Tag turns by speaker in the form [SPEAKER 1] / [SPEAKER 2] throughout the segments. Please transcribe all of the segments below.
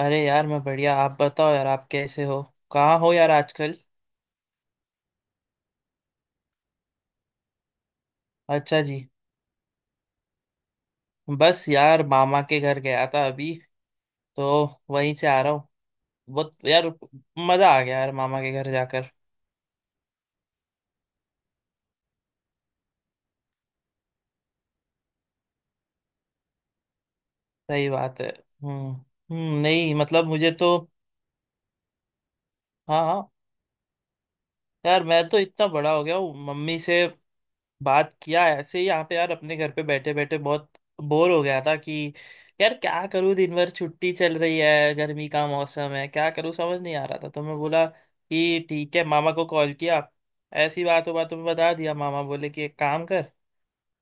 [SPEAKER 1] अरे यार, मैं बढ़िया। आप बताओ यार, आप कैसे हो? कहाँ हो यार आजकल? अच्छा जी। बस यार, मामा के घर गया था अभी, तो वहीं से आ रहा हूँ। बहुत यार, मजा आ गया यार मामा के घर जाकर। सही बात है। हम्म। हम्म, नहीं मतलब मुझे तो... हाँ हाँ। यार मैं तो इतना बड़ा हो गया हूँ, मम्मी से बात किया ऐसे ही, यहाँ पे यार अपने घर पे बैठे बैठे बहुत बोर हो गया था कि यार क्या करूँ, दिन भर छुट्टी चल रही है, गर्मी का मौसम है, क्या करूँ समझ नहीं आ रहा था। तो मैं बोला कि ठीक है, मामा को कॉल किया। ऐसी बातों बातों में बता दिया, मामा बोले कि एक काम कर,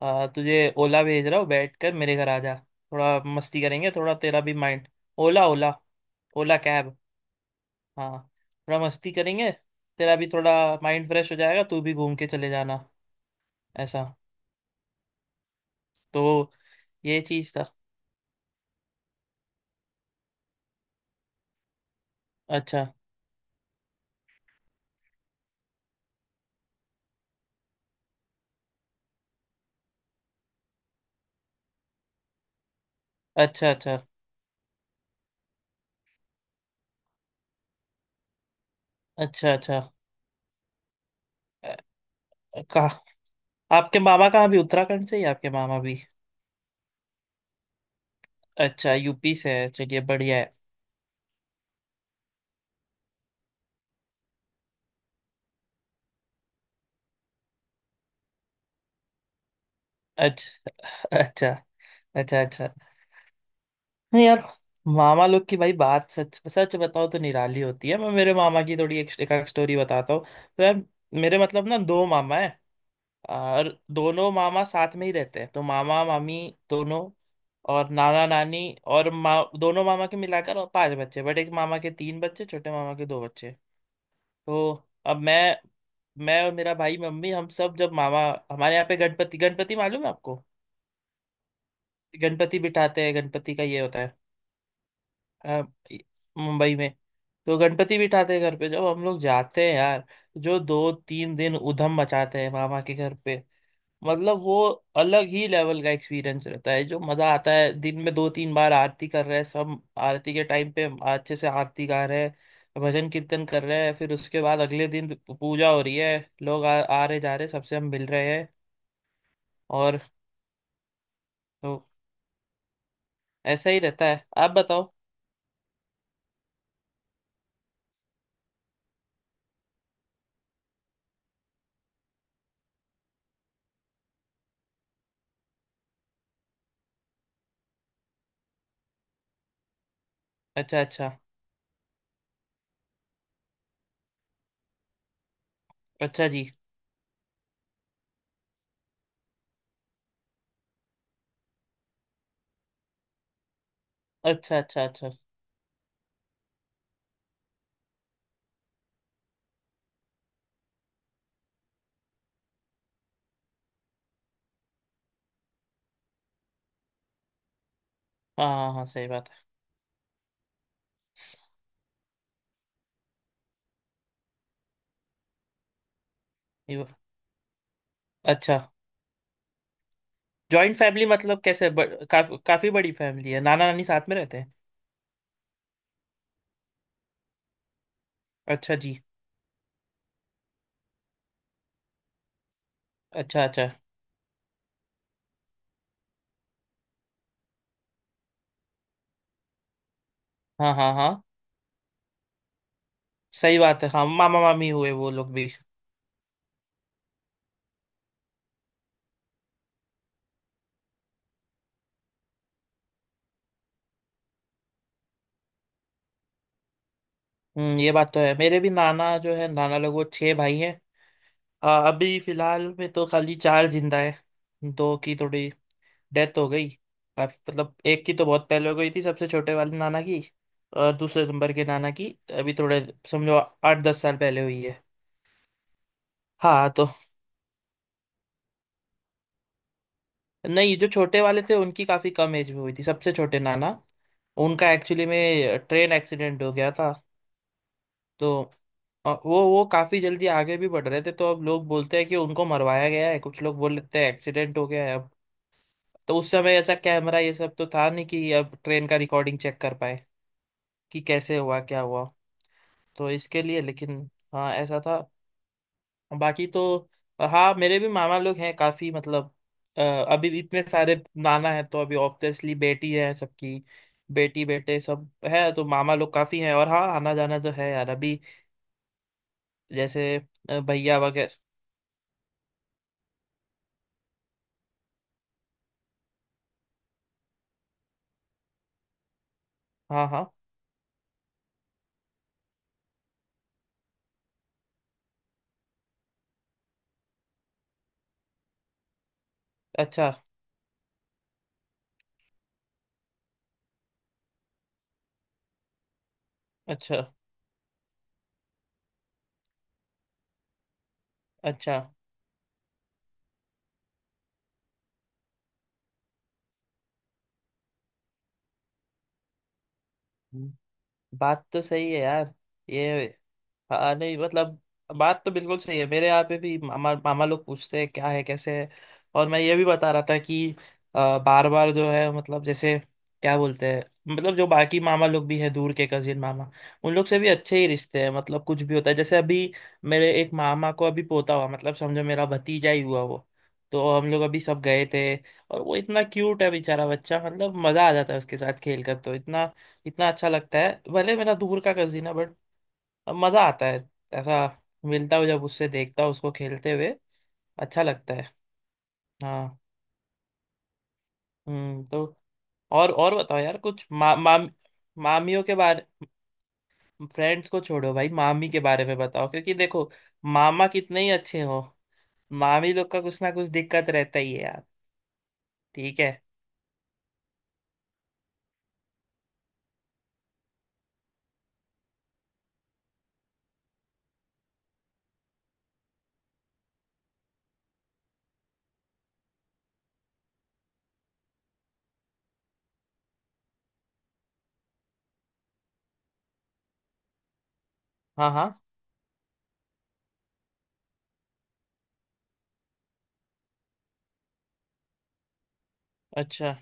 [SPEAKER 1] तुझे ओला भेज रहा हूँ, बैठ कर मेरे घर आ जा, थोड़ा मस्ती करेंगे, थोड़ा तेरा भी माइंड... ओला। ओला, ओला कैब। हाँ, थोड़ा मस्ती करेंगे, तेरा भी थोड़ा माइंड फ्रेश हो जाएगा, तू भी घूम के चले जाना, ऐसा। तो ये चीज था। अच्छा अच्छा। अच्छा, अच्छा अच्छा। अ- कहा, आपके मामा कहाँ भी, उत्तराखंड से ही आपके मामा भी? अच्छा, यूपी से है, चलिए बढ़िया है। अच्छा, अच्छा अच्छा अच्छा। नहीं यार, मामा लोग की भाई बात सच सच बताओ तो निराली होती है। मैं मेरे मामा की थोड़ी एक स्टोरी बताता हूँ। तो यार, मेरे मतलब ना दो मामा है, और दोनों मामा साथ में ही रहते हैं। तो मामा मामी दोनों, और नाना नानी, और मा दोनों मामा के मिलाकर और पांच बच्चे, बट एक मामा के तीन बच्चे, छोटे मामा के दो बच्चे। तो अब मैं और मेरा भाई, मम्मी, हम सब जब मामा... हमारे यहाँ पे गणपति, गणपति मालूम है आपको? गणपति बिठाते हैं, गणपति का ये होता है, अ, मुंबई में। तो गणपति बिठाते हैं घर पे। जब हम लोग जाते हैं यार, जो 2-3 दिन उधम मचाते हैं मामा के घर पे, मतलब वो अलग ही लेवल का एक्सपीरियंस रहता है, जो मजा आता है। दिन में दो तीन बार आरती कर रहे हैं सब, आरती के टाइम पे अच्छे से आरती गा रहे हैं, भजन कीर्तन कर रहे हैं, फिर उसके बाद अगले दिन पूजा हो रही है, लोग आ रहे जा रहे, सबसे हम मिल रहे हैं। और तो ऐसा ही रहता है। आप बताओ। अच्छा अच्छा। अच्छा जी। अच्छा अच्छा अच्छा। हाँ हाँ हाँ, सही बात है। ये वो- अच्छा। जॉइंट फैमिली मतलब कैसे, काफी बड़ी फैमिली है, नाना नानी साथ में रहते हैं? अच्छा जी। अच्छा अच्छा। हाँ हाँ हाँ, सही बात है। हाँ, मामा मामी हुए वो लोग भी। हम्म, ये बात तो है। मेरे भी नाना जो है, नाना लोग वो छह भाई हैं। अभी फिलहाल में तो खाली चार जिंदा है। दो की थोड़ी डेथ हो गई। मतलब एक की तो बहुत पहले हो गई थी, सबसे छोटे वाले नाना की, और दूसरे नंबर के नाना की अभी थोड़े, समझो 8-10 साल पहले हुई है। हाँ तो... नहीं, जो छोटे वाले थे उनकी काफी कम एज में हुई थी, सबसे छोटे नाना। उनका एक्चुअली में ट्रेन एक्सीडेंट हो गया था। तो वो काफी जल्दी आगे भी बढ़ रहे थे, तो अब लोग बोलते हैं कि उनको मरवाया गया है, कुछ लोग बोल लेते हैं एक्सीडेंट हो गया है। अब तो उस समय ऐसा कैमरा ये सब तो था नहीं कि अब ट्रेन का रिकॉर्डिंग चेक कर पाए कि कैसे हुआ क्या हुआ। तो इसके लिए लेकिन, हाँ ऐसा था। बाकी तो, हाँ मेरे भी मामा लोग हैं काफी, मतलब अभी भी इतने सारे नाना है, तो अभी ऑब्वियसली बेटी है सबकी, बेटी बेटे सब है, तो मामा लोग काफी हैं। और हाँ, आना जाना तो है यार अभी, जैसे भैया वगैरह। हाँ हाँ। अच्छा अच्छा अच्छा। बात तो सही है यार, ये... हाँ, नहीं मतलब बात तो बिल्कुल सही है। मेरे यहाँ पे भी मामा, मामा लोग पूछते हैं क्या है कैसे है। और मैं ये भी बता रहा था कि बार बार जो है, मतलब जैसे क्या बोलते हैं, मतलब जो बाकी मामा लोग भी हैं दूर के कजिन मामा, उन लोग से भी अच्छे ही रिश्ते हैं। मतलब कुछ भी होता है, जैसे अभी मेरे एक मामा को अभी पोता हुआ, मतलब समझो मेरा भतीजा ही हुआ वो। तो हम लोग अभी सब गए थे, और वो इतना क्यूट है बेचारा बच्चा, मतलब मजा आ जाता है उसके साथ खेल कर। तो इतना इतना अच्छा लगता है, भले मेरा दूर का कजिन है, बट मजा आता है। ऐसा मिलता हूँ जब उससे, देखता हूँ उसको खेलते हुए, अच्छा लगता है। हाँ। हम्म। तो और बताओ यार कुछ मा, माम मामियों के बारे। फ्रेंड्स को छोड़ो भाई, मामी के बारे में बताओ, क्योंकि देखो मामा कितने ही अच्छे हो, मामी लोग का कुछ ना कुछ दिक्कत रहता ही है यार। ठीक है। हाँ हाँ। अच्छा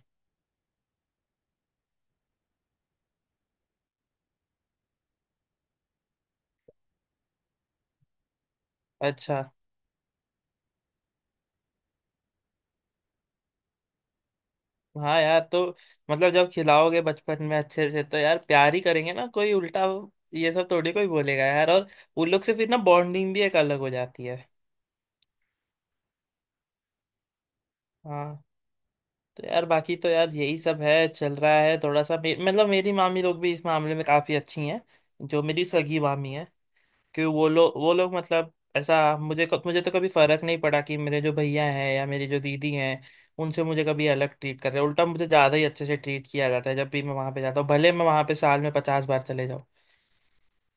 [SPEAKER 1] अच्छा। हाँ यार, तो मतलब जब खिलाओगे बचपन में अच्छे से, तो यार प्यार ही करेंगे ना, कोई उल्टा ये सब थोड़ी कोई बोलेगा यार। और उन लोग से फिर ना बॉन्डिंग भी एक अलग हो जाती है। हाँ। तो यार बाकी तो यार यही सब है, चल रहा है। थोड़ा सा मतलब मेरी मामी लोग भी इस मामले में काफी अच्छी हैं, जो मेरी सगी मामी है, कि वो लोग मतलब ऐसा, मुझे मुझे तो कभी फर्क नहीं पड़ा कि मेरे जो भैया हैं या मेरी जो दीदी हैं, उनसे मुझे कभी अलग ट्रीट कर रहे हैं। उल्टा मुझे ज़्यादा ही अच्छे से ट्रीट किया जाता है, जब भी मैं वहाँ पे जाता हूँ, भले मैं वहाँ पे साल में 50 बार चले जाऊँ,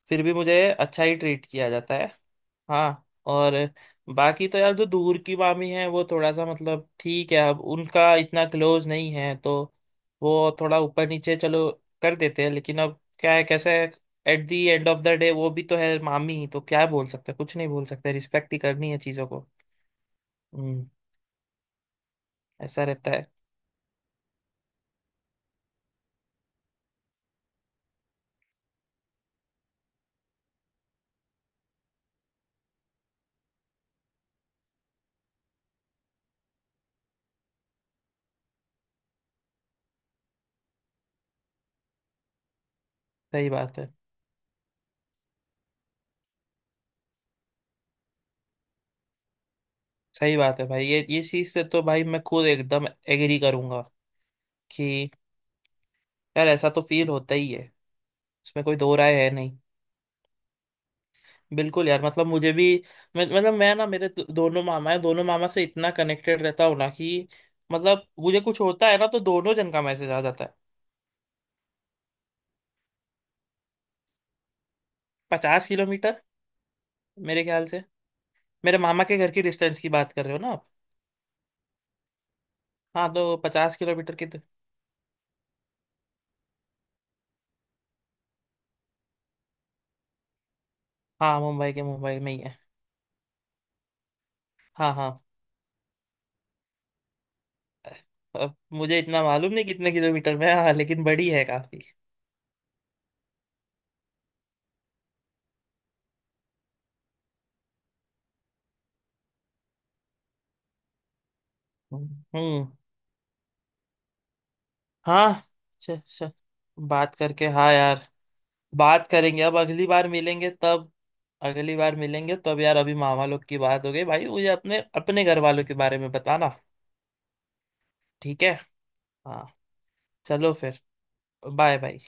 [SPEAKER 1] फिर भी मुझे अच्छा ही ट्रीट किया जाता है। हाँ। और बाकी तो यार, जो दूर की मामी है वो थोड़ा सा, मतलब ठीक है, अब उनका इतना क्लोज नहीं है, तो वो थोड़ा ऊपर नीचे चलो कर देते हैं। लेकिन अब क्या है कैसे, at the end of the day वो भी तो है मामी, तो क्या बोल सकते हैं? कुछ नहीं बोल सकते, रिस्पेक्ट ही करनी है चीज़ों को। हम्म। ऐसा रहता है। सही बात है। सही बात है भाई, ये चीज़ से तो भाई मैं खुद एकदम एग्री करूंगा कि यार ऐसा तो फील होता ही है, इसमें कोई दो राय है नहीं। बिल्कुल यार। मतलब मुझे भी, मतलब मैं ना, मेरे दोनों मामा है, दोनों मामा से इतना कनेक्टेड रहता हूँ ना कि मतलब मुझे कुछ होता है ना, तो दोनों जन का मैसेज आ जाता है। 50 किलोमीटर मेरे ख्याल से। मेरे मामा के घर की डिस्टेंस की बात कर रहे हो ना आप? हाँ, तो 50 किलोमीटर की तो... हाँ, मुंबई के मुंबई में ही है। हाँ हाँ, अब मुझे इतना मालूम नहीं कितने किलोमीटर में है, हाँ लेकिन बड़ी है काफी। हम्म। हाँ। च, च, बात करके, हाँ यार बात करेंगे। अब अगली बार मिलेंगे तब, अगली बार मिलेंगे तब यार। अभी मामा लोग की बात हो गई भाई, मुझे अपने अपने घर वालों के बारे में बताना। ठीक है। हाँ। चलो फिर, बाय बाय।